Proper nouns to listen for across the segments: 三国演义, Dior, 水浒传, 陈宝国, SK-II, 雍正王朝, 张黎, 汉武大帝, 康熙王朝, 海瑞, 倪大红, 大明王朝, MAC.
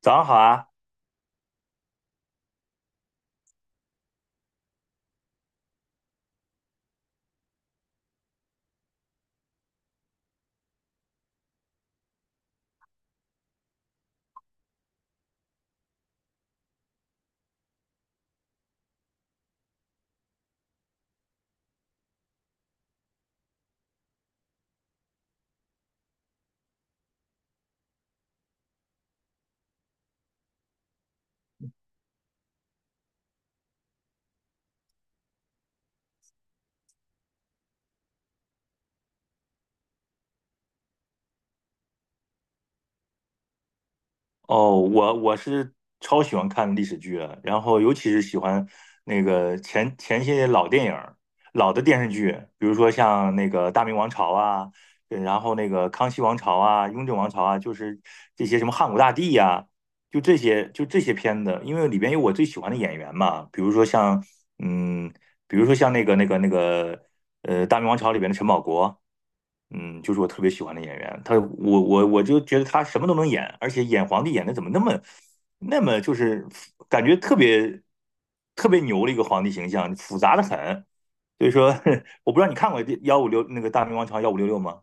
早上好啊！哦，我是超喜欢看历史剧的，然后尤其是喜欢那个前些老电影儿、老的电视剧，比如说像那个《大明王朝》啊，然后那个《康熙王朝》啊、《雍正王朝》啊，就是这些什么汉武大帝呀、就这些片子，因为里边有我最喜欢的演员嘛，嗯，比如说像那个《大明王朝》里边的陈宝国。嗯，就是我特别喜欢的演员，他我我我就觉得他什么都能演，而且演皇帝演的怎么那么就是感觉特别牛的一个皇帝形象，复杂的很。所以说，我不知道你看过156那个《大明王朝幺五六六》吗？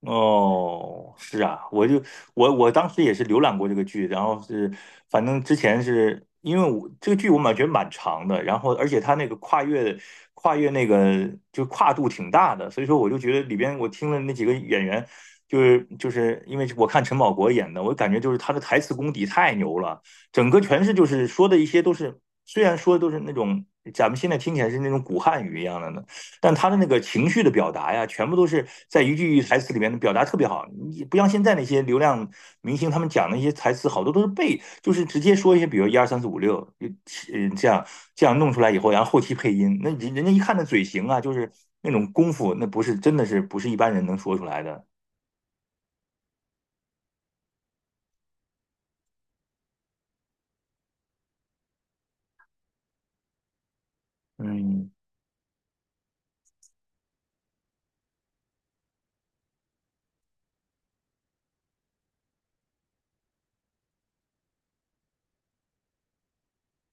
哦，是啊，我就我当时也是浏览过这个剧，然后是反正之前是因为我这个剧我感觉蛮长的，然后而且它那个跨越跨越那个就跨度挺大的，所以说我就觉得里边我听了那几个演员，就是因为我看陈宝国演的，我感觉就是他的台词功底太牛了，整个全是就是说的一些都是虽然说都是那种咱们现在听起来是那种古汉语一样的呢。但他的那个情绪的表达呀，全部都是在一句台词里面表达特别好。你不像现在那些流量明星，他们讲那些台词好多都是背，就是直接说一些，比如一二三四五六，呃这样这样弄出来以后，然后后期配音，人家一看那嘴型啊，就是那种功夫，那不是真的是不是一般人能说出来的。嗯。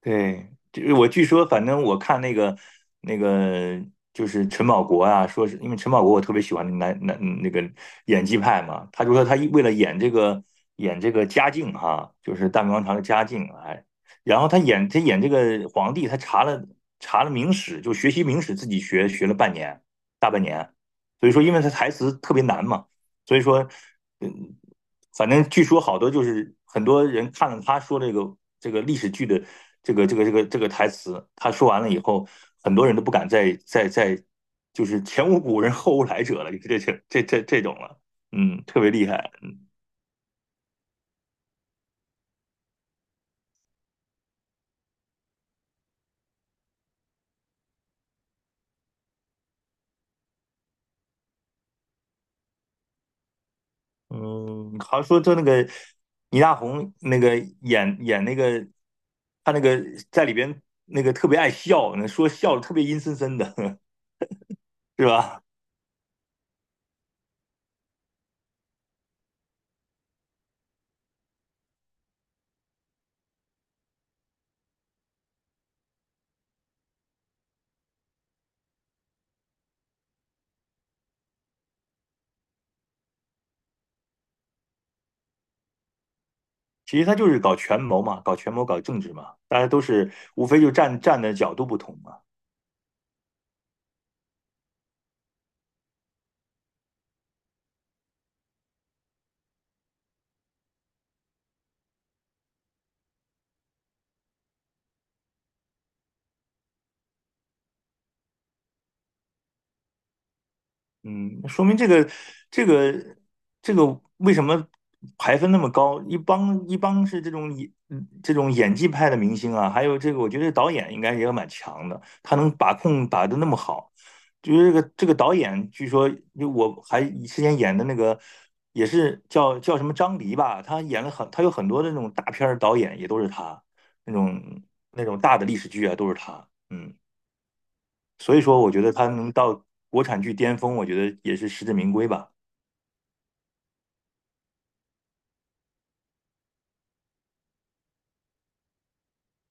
对，就是我据说，反正我看那个就是陈宝国啊，说是因为陈宝国我特别喜欢那男男那个演技派嘛，他就说他为了演这个嘉靖哈、就是大明王朝的嘉靖，哎，然后他演这个皇帝，他查了明史，就学习明史，自己学了大半年，所以说因为他台词特别难嘛，所以说。嗯，反正据说好多就是很多人看了他说这个历史剧的这个台词，他说完了以后，很多人都不敢再就是前无古人后无来者了，这种了，嗯，特别厉害，嗯，好像说就那个倪大红那个演那个他那个在里边那个特别爱笑，说笑的特别阴森森的，是吧？其实他就是搞权谋嘛，搞权谋，搞政治嘛，大家都是无非就站的角度不同嘛。嗯，说明这个这个这个为什么排分那么高？一帮是这种演技派的明星啊，还有这个我觉得导演应该也蛮强的，他能把控把的那么好。就是这个导演，据说就我还之前演的那个也是叫什么张黎吧，他有很多的那种大片儿导演也都是他，那种那种大的历史剧啊都是他。嗯。所以说，我觉得他能到国产剧巅峰，我觉得也是实至名归吧。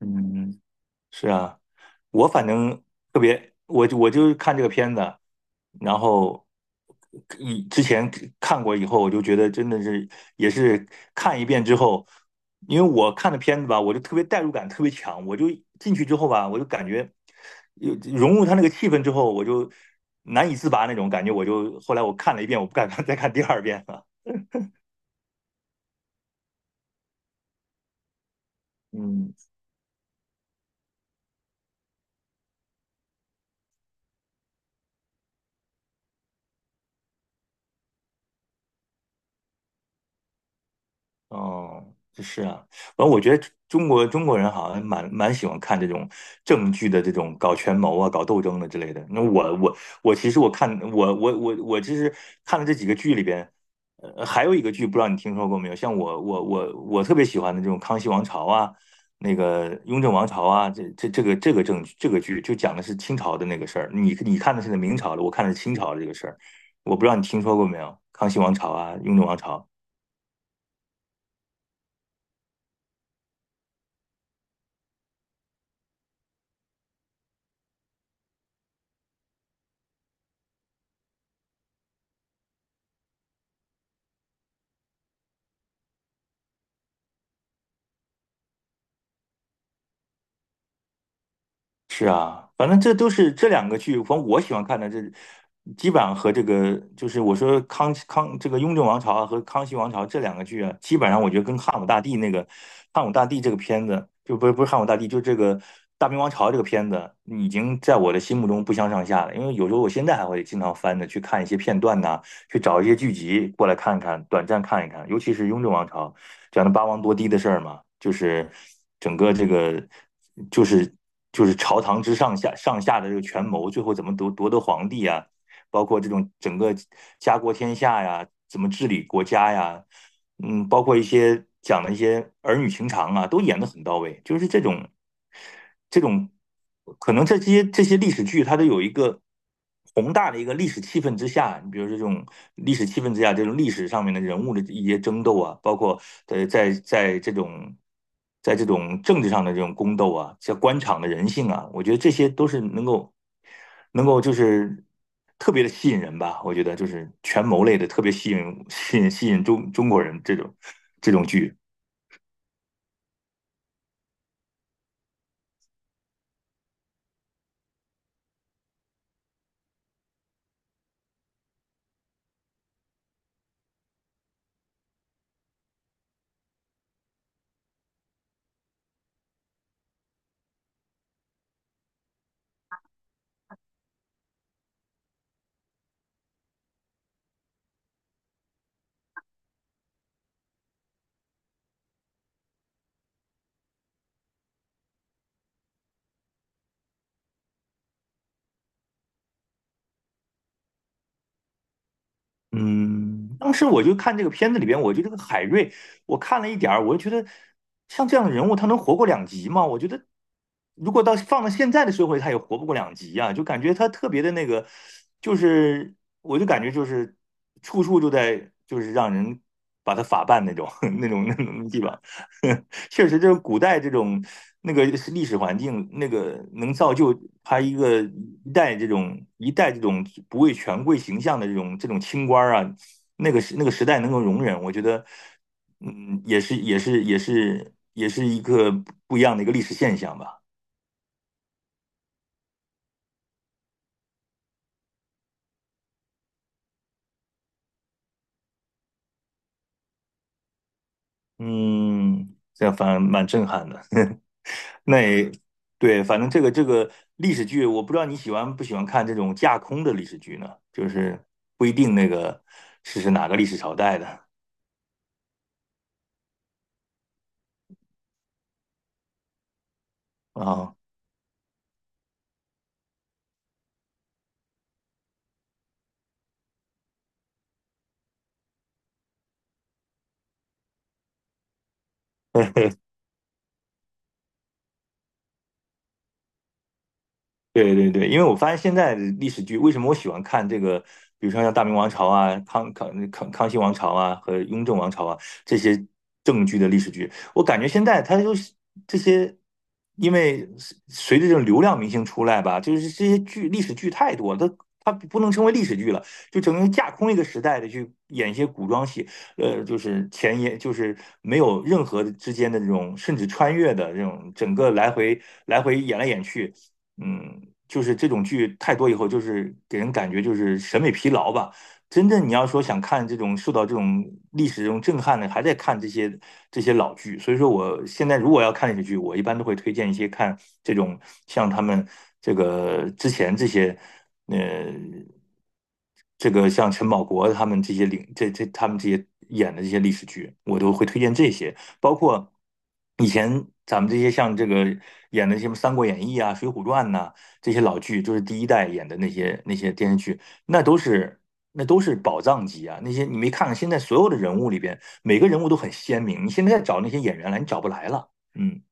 嗯，是啊，我反正特别，我就看这个片子，然后之前看过以后，我就觉得真的是也是看一遍之后，因为我看的片子吧，我就特别代入感特别强，我就进去之后吧，我就感觉有融入他那个气氛之后，我就难以自拔那种感觉，我就后来我看了一遍，我不敢 再看第二遍了。嗯。哦，是啊，反正我觉得中国人好像蛮喜欢看这种政剧的这种搞权谋啊、搞斗争的之类的。那我其实看了这几个剧里边，呃，还有一个剧不知道你听说过没有？像我特别喜欢的这种《康熙王朝》啊，那个《雍正王朝》啊，这这这个这个正这个剧就讲的是清朝的那个事儿。你你看的是明朝的，我看的是清朝的这个事儿。我不知道你听说过没有，《康熙王朝》啊，《雍正王朝》。是啊，反正这都是这两个剧，反正我喜欢看的这，基本上和这个就是我说这个《雍正王朝》啊和《康熙王朝》这两个剧啊，基本上我觉得跟汉武大帝这个片子，就不是汉武大帝，就这个《大明王朝》这个片子，已经在我的心目中不相上下了。因为有时候我现在还会经常翻着去看一些片段呐、去找一些剧集过来看看，短暂看一看，尤其是《雍正王朝》。讲的八王夺嫡的事儿嘛，就是整个这个就是就是朝堂之上下的这个权谋，最后怎么夺得皇帝啊，包括这种整个家国天下呀，怎么治理国家呀，嗯，包括一些讲的一些儿女情长啊，都演得很到位，就是这种。这种可能这些历史剧，它都有一个宏大的一个历史气氛之下，你比如这种历史气氛之下，这种历史上面的人物的一些争斗啊，包括呃在在这种在这种政治上的这种宫斗啊，像官场的人性啊，我觉得这些都是能够就是特别的吸引人吧。我觉得就是权谋类的特别吸引中国人这种剧。嗯，当时我就看这个片子里边，我觉得这个海瑞，我看了一点儿，我就觉得像这样的人物，他能活过两集吗？我觉得如果到放到现在的社会，他也活不过两集啊，就感觉他特别的那个，就是我就感觉就是处处就在就是让人把他法办那种 那种地方，确实，这古代这种那个历史环境，那个能造就他一个一代这种不畏权贵形象的这种清官啊，那个时代能够容忍，我觉得，嗯，也是一个不一样的一个历史现象吧。嗯，这样反而蛮震撼的。那也对，反正这个历史剧，我不知道你喜欢不喜欢看这种架空的历史剧呢？就是不一定那个是哪个历史朝代的啊、对对对，因为我发现现在的历史剧，为什么我喜欢看这个，比如说像《大明王朝》啊、康熙王朝啊和雍正王朝啊这些正剧的历史剧，我感觉现在它就是这些，因为随着这种流量明星出来吧，就是这些剧历史剧太多了，它不能称为历史剧了，就整个架空一个时代的去演一些古装戏，呃，就是前沿，就是没有任何之间的这种甚至穿越的这种整个来回来回演来演去。嗯，就是这种剧太多以后，就是给人感觉就是审美疲劳吧。真正你要说想看这种受到这种历史这种震撼的，还在看这些老剧。所以说，我现在如果要看历史剧，我一般都会推荐一些看这种像他们这个之前这些，呃，这个像陈宝国他们这些领这这他们这些演的这些历史剧，我都会推荐这些。包括以前咱们这些像这个演的什么《三国演义》啊、《水浒传》呐、这些老剧，就是第一代演的那些电视剧，那都是那都是宝藏级啊！那些你没看看，现在所有的人物里边，每个人物都很鲜明，你现在找那些演员来，你找不来了。嗯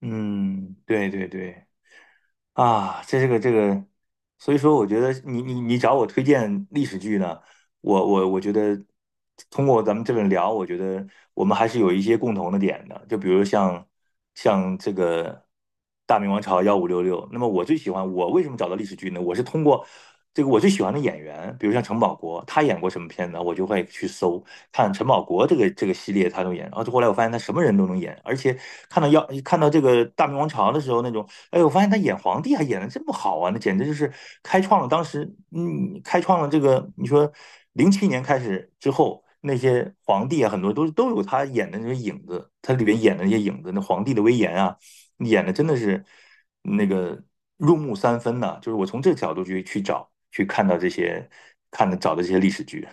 嗯，对对对。啊，这个，所以说我觉得你找我推荐历史剧呢，我觉得通过咱们这么聊，我觉得我们还是有一些共同的点的，就比如像这个《大明王朝幺五六六》，那么我最喜欢我为什么找到历史剧呢？我是通过这个我最喜欢的演员，比如像陈宝国，他演过什么片子，我就会去搜看陈宝国这个系列他都演，然后后来我发现他什么人都能演，而且看到这个《大明王朝》的时候那种。哎，我发现他演皇帝还演的这么好啊，那简直就是开创了当时，嗯，开创了这个，你说2007年开始之后，那些皇帝啊，很多都都有他演的那些影子，他里边演的那些影子，那皇帝的威严啊，演的真的是那个入木三分呐、就是我从这个角度去找，去看到这些，看的找的这些历史剧，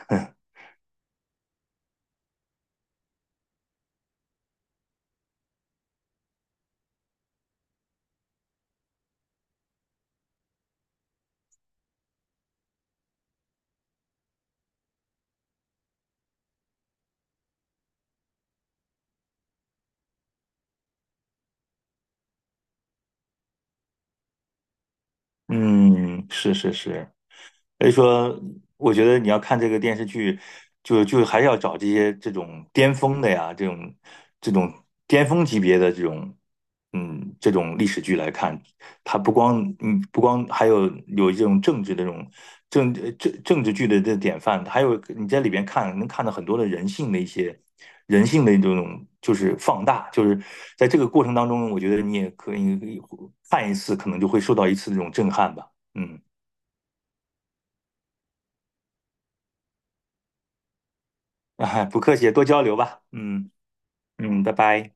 嗯，是是是。所以说，我觉得你要看这个电视剧，就就还是要找这些这种巅峰的呀，这种巅峰级别的这种，嗯，这种历史剧来看。它不光还有这种政治的这种政治剧的这典范，还有你在里边看能看到很多的人性的一些人性的这种就是放大，就是在这个过程当中，我觉得你也可以看一次，可能就会受到一次这种震撼吧，嗯。不客气，多交流吧。嗯嗯，拜拜。